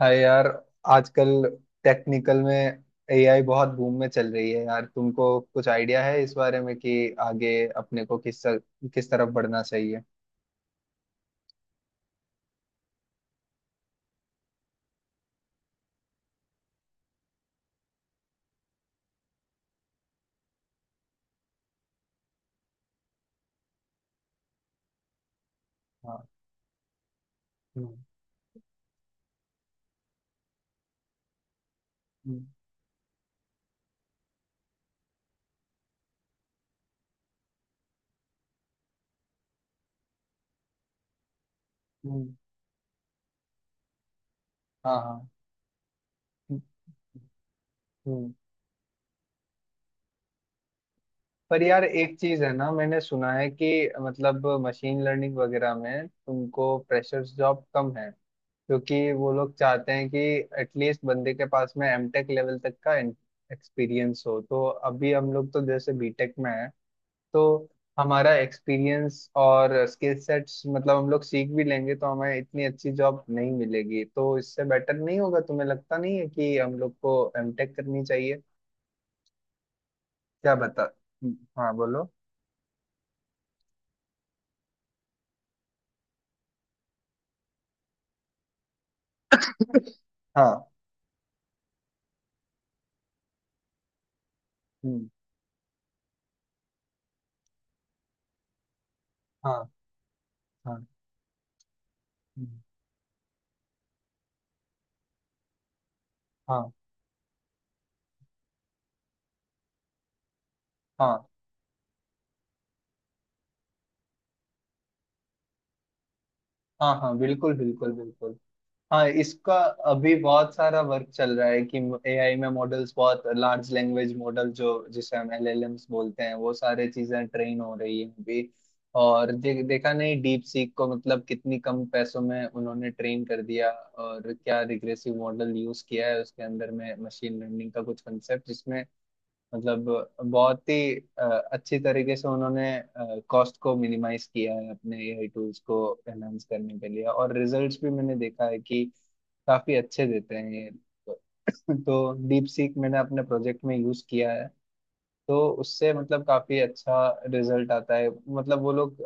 हाय यार। आजकल टेक्निकल में एआई बहुत बूम में चल रही है यार। तुमको कुछ आइडिया है इस बारे में कि आगे अपने को किस किस तरफ बढ़ना चाहिए? हाँ। हम्म। हम्म। हम्म। हाँ, हाँ। हम्म। हम्म। पर यार, एक चीज है ना, मैंने सुना है कि मतलब मशीन लर्निंग वगैरह में तुमको फ्रेशर्स जॉब कम है। क्योंकि वो लोग चाहते हैं कि एटलीस्ट बंदे के पास में एमटेक लेवल तक का एक्सपीरियंस हो। तो अभी हम लोग तो जैसे बीटेक में है, तो हमारा एक्सपीरियंस और स्किल सेट्स, मतलब हम लोग सीख भी लेंगे तो हमें इतनी अच्छी जॉब नहीं मिलेगी। तो इससे बेटर नहीं होगा? तुम्हें लगता नहीं है कि हम लोग को एमटेक करनी चाहिए? क्या बता। हाँ, बोलो। हाँ। हम्म, हाँ, हाँ। हम्म, हाँ, हाँ, हाँ। हाँ, बिल्कुल बिल्कुल बिल्कुल। हाँ, इसका अभी बहुत सारा वर्क चल रहा है कि एआई में मॉडल्स, बहुत लार्ज लैंग्वेज मॉडल जो जिसे हम एलएलएम्स बोलते हैं, वो सारे चीजें ट्रेन हो रही है अभी। और देखा नहीं डीप सीक को? मतलब कितनी कम पैसों में उन्होंने ट्रेन कर दिया। और क्या रिग्रेसिव मॉडल यूज किया है उसके अंदर में, मशीन लर्निंग का कुछ कंसेप्ट जिसमें मतलब बहुत ही अच्छी तरीके से उन्होंने कॉस्ट को मिनिमाइज किया है अपने एआई टूल्स को एनहांस करने के लिए। और रिजल्ट्स भी मैंने देखा है कि काफी अच्छे देते हैं ये। तो डीप सीक मैंने अपने प्रोजेक्ट में यूज किया है, तो उससे मतलब काफी अच्छा रिजल्ट आता है। मतलब वो लोग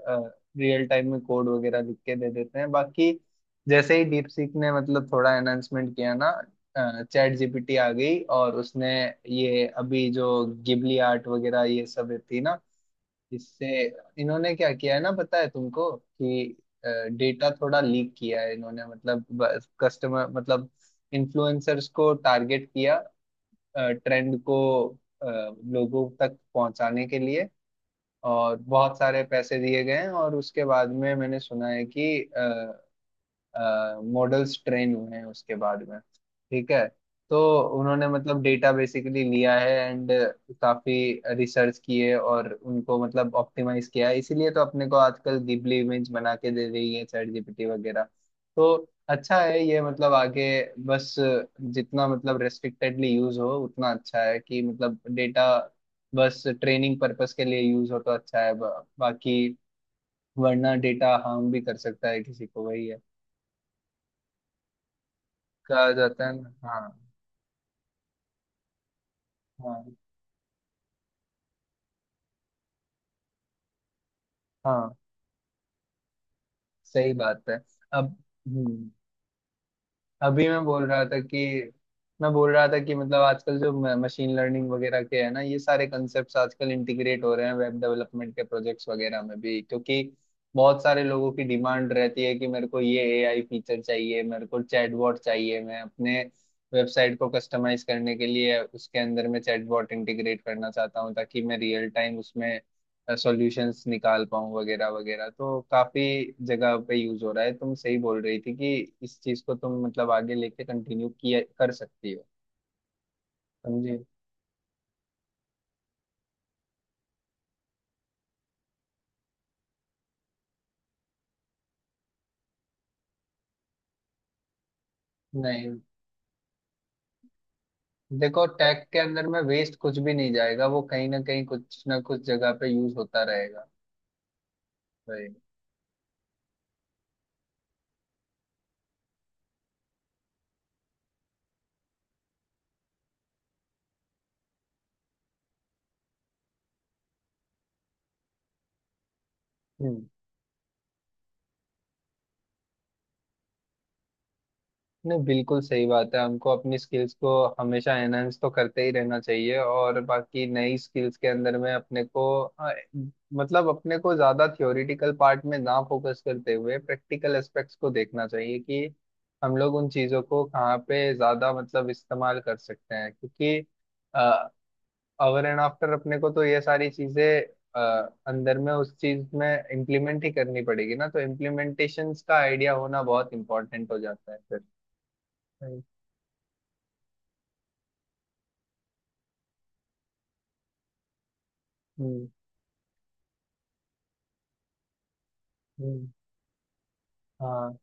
रियल टाइम में कोड वगैरह लिख के दे देते हैं। बाकी जैसे ही डीप सीक ने मतलब थोड़ा एनहांसमेंट किया ना, चैट जीपीटी आ गई। और उसने ये अभी जो गिबली आर्ट वगैरह ये सब थी ना, इससे इन्होंने क्या किया है ना, पता है तुमको कि डेटा थोड़ा लीक किया है इन्होंने। मतलब कस्टमर मतलब इन्फ्लुएंसर्स को टारगेट किया, ट्रेंड को अ, लोगों तक पहुंचाने के लिए। और बहुत सारे पैसे दिए गए हैं। और उसके बाद में मैंने सुना है कि मॉडल्स ट्रेन हुए हैं उसके बाद में। ठीक है। तो उन्होंने मतलब डेटा बेसिकली लिया है एंड काफी रिसर्च किए, और उनको मतलब ऑप्टिमाइज किया है। इसीलिए तो अपने को आजकल गिबली इमेज बना के दे रही है चैट जीपीटी वगैरह। तो अच्छा है ये मतलब आगे। बस जितना मतलब रेस्ट्रिक्टेडली यूज हो उतना अच्छा है। कि मतलब डेटा बस ट्रेनिंग पर्पस के लिए यूज हो तो अच्छा है बाकी वरना डेटा हार्म भी कर सकता है किसी को, वही है कहा जाता है ना। हाँ। हाँ, हाँ। सही बात है। अब। हम्म। अभी मैं बोल रहा था कि। मैं बोल रहा था कि मतलब आजकल जो मशीन लर्निंग वगैरह के है ना, ये सारे कॉन्सेप्ट्स आजकल इंटीग्रेट हो रहे हैं वेब डेवलपमेंट के प्रोजेक्ट्स वगैरह में भी। क्योंकि बहुत सारे लोगों की डिमांड रहती है कि मेरे को ये एआई फीचर चाहिए, मेरे को चैटबॉट चाहिए, मैं अपने वेबसाइट को कस्टमाइज करने के लिए उसके अंदर में चैटबॉट इंटीग्रेट करना चाहता हूँ, ताकि मैं रियल टाइम उसमें सॉल्यूशंस निकाल पाऊँ वगैरह वगैरह। तो काफी जगह पे यूज हो रहा है। तुम सही बोल रही थी कि इस चीज को तुम मतलब आगे लेके कंटिन्यू किया कर सकती हो। समझे? नहीं, देखो, टैग के अंदर में वेस्ट कुछ भी नहीं जाएगा, वो कहीं ना कहीं कुछ ना कुछ जगह पे यूज होता रहेगा। सही। नहीं, बिल्कुल सही बात है। हमको अपनी स्किल्स को हमेशा एनहेंस तो करते ही रहना चाहिए। और बाकी नई स्किल्स के अंदर में अपने को मतलब अपने को ज्यादा थ्योरिटिकल पार्ट में ना फोकस करते हुए प्रैक्टिकल एस्पेक्ट्स को देखना चाहिए कि हम लोग उन चीजों को कहाँ पे ज्यादा मतलब इस्तेमाल कर सकते हैं। क्योंकि अवर एंड आफ्टर अपने को तो ये सारी चीजें अ, अंदर में उस चीज में इम्प्लीमेंट ही करनी पड़ेगी ना। तो इम्प्लीमेंटेशन का आइडिया होना बहुत इंपॉर्टेंट हो जाता है। फिर। हाँ, हम्म। हम्म, हाँ।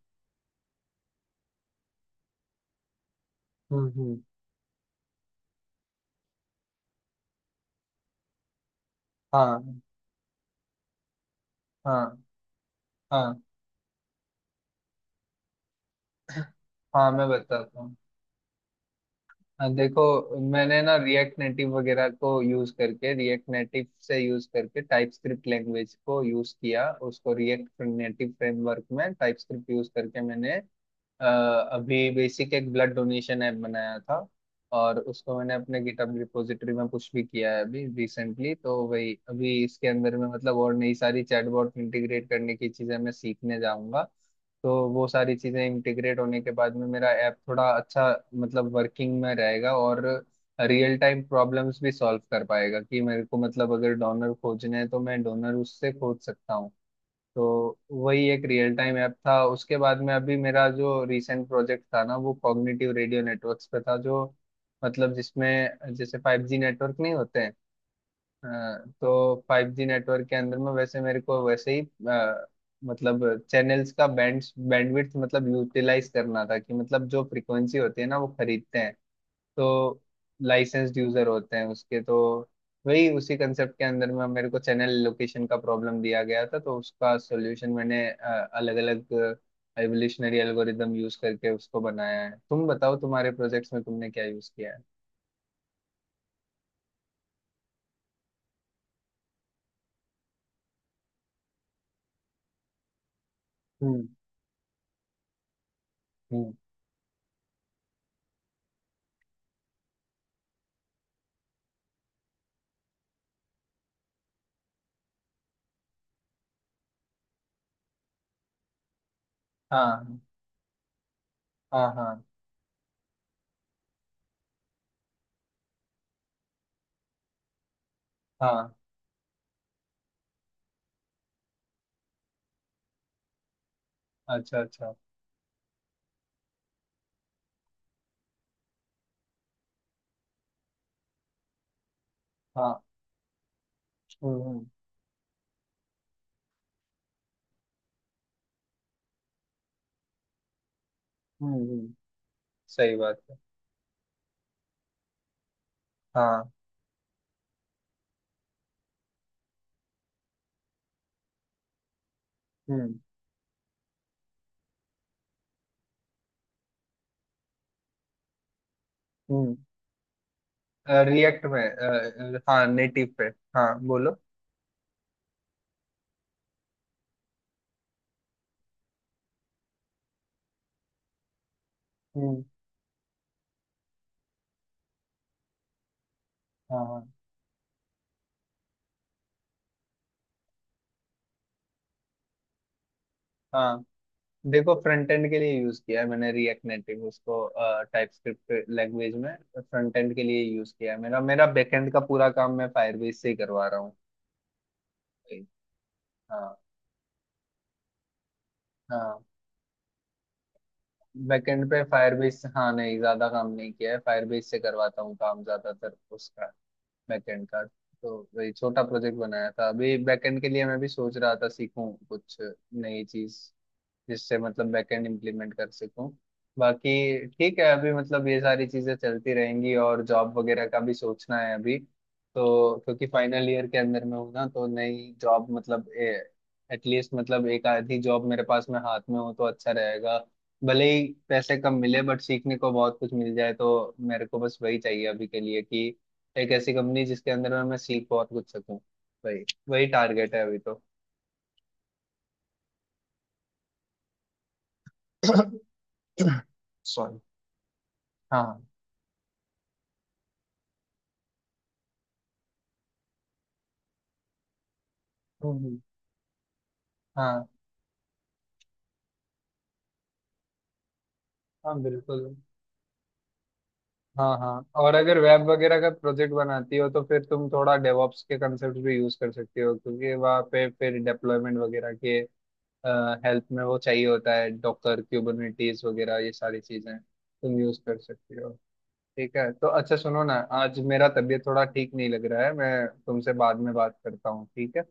हम्म। हाँ, हाँ, हाँ। हाँ, मैं बताता हूँ। हाँ, देखो मैंने ना रिएक्ट नेटिव से यूज करके टाइपस्क्रिप्ट लैंग्वेज को यूज किया। उसको रिएक्ट नेटिव फ्रेमवर्क में टाइपस्क्रिप्ट यूज करके मैंने अ, अभी बेसिक एक ब्लड डोनेशन ऐप बनाया था। और उसको मैंने अपने गिटहब रिपोजिटरी में पुश भी किया है अभी रिसेंटली। तो वही, अभी इसके अंदर में मतलब और नई सारी चैटबॉट इंटीग्रेट करने की चीजें मैं सीखने जाऊंगा। तो वो सारी चीजें इंटीग्रेट होने के बाद में मेरा ऐप थोड़ा अच्छा मतलब वर्किंग में रहेगा। और रियल टाइम प्रॉब्लम्स भी सॉल्व कर पाएगा, कि मेरे को मतलब अगर डोनर खोजने हैं तो मैं डोनर उससे खोज सकता हूँ। तो वही एक रियल टाइम ऐप था। उसके बाद में अभी मेरा जो रिसेंट प्रोजेक्ट था ना, वो कॉग्निटिव रेडियो नेटवर्क्स पे था। जो मतलब जिसमें जैसे फाइव जी नेटवर्क नहीं होते हैं। अ, तो फाइव जी नेटवर्क के अंदर में वैसे मेरे को वैसे ही अ, मतलब चैनल्स का बैंडविड्थ मतलब यूटिलाइज करना था, कि मतलब जो फ्रीक्वेंसी होती है ना, वो खरीदते हैं। तो लाइसेंस्ड यूजर होते हैं उसके। तो वही उसी कंसेप्ट के अंदर में मेरे को चैनल लोकेशन का प्रॉब्लम दिया गया था। तो उसका सॉल्यूशन मैंने अलग अलग एवोल्यूशनरी एल्गोरिदम यूज करके उसको बनाया है। तुम बताओ तुम्हारे प्रोजेक्ट्स में तुमने क्या यूज किया है? हम्म। हम्म, हाँ, हाँ, हाँ। हाँ, अच्छा, अच्छा। हाँ। हम्म। हम्म। हम्म। सही बात है। हाँ। हम्म। हम्म। रिएक्ट में हाँ, नेटिव पे। हाँ, बोलो। हम्म। हाँ, हाँ। देखो, फ्रंट एंड के लिए यूज किया है मैंने रिएक्ट नेटिव उसको, टाइप स्क्रिप्ट लैंग्वेज में फ्रंट एंड के लिए यूज किया है। मेरा मेरा बैकएंड का पूरा काम मैं फायरबेस से ही करवा रहा हूँ। हाँ। हाँ, बैकएंड पे फायरबेस। हाँ, नहीं ज्यादा काम नहीं किया है, फायरबेस से करवाता हूँ काम ज्यादातर उसका, बैकएंड का। तो वही छोटा प्रोजेक्ट बनाया था। अभी बैकएंड के लिए मैं भी सोच रहा था सीखूं कुछ नई चीज, जिससे मतलब बैकएंड इंप्लीमेंट कर सकूं। बाकी ठीक है, अभी मतलब ये सारी चीजें चलती रहेंगी, और जॉब वगैरह का भी सोचना है अभी। तो क्योंकि फाइनल ईयर के अंदर में हूं ना, तो नई जॉब मतलब एटलीस्ट मतलब एक आधी जॉब मेरे पास में हाथ में हो तो अच्छा रहेगा। भले ही पैसे कम मिले बट सीखने को बहुत कुछ मिल जाए, तो मेरे को बस वही चाहिए अभी के लिए, कि एक ऐसी कंपनी जिसके अंदर में मैं सीख बहुत कुछ सकूं। वही वही टारगेट है अभी तो। सॉरी। हाँ। हम्म। हाँ। हाँ, बिल्कुल। हाँ, हाँ, और अगर वेब वगैरह का प्रोजेक्ट बनाती हो तो फिर तुम थोड़ा डेवॉप्स के कंसेप्ट भी यूज कर सकती हो। क्योंकि वहाँ पे फिर डेप्लॉयमेंट वगैरह के हेल्प में वो चाहिए होता है। डॉकर, क्यूबरनेटीज वगैरह, ये सारी चीजें तुम यूज कर सकती हो। ठीक है, तो अच्छा, सुनो ना, आज मेरा तबीयत थोड़ा ठीक नहीं लग रहा है। मैं तुमसे बाद में बात करता हूँ, ठीक है?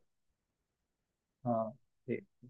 हाँ। ठीक।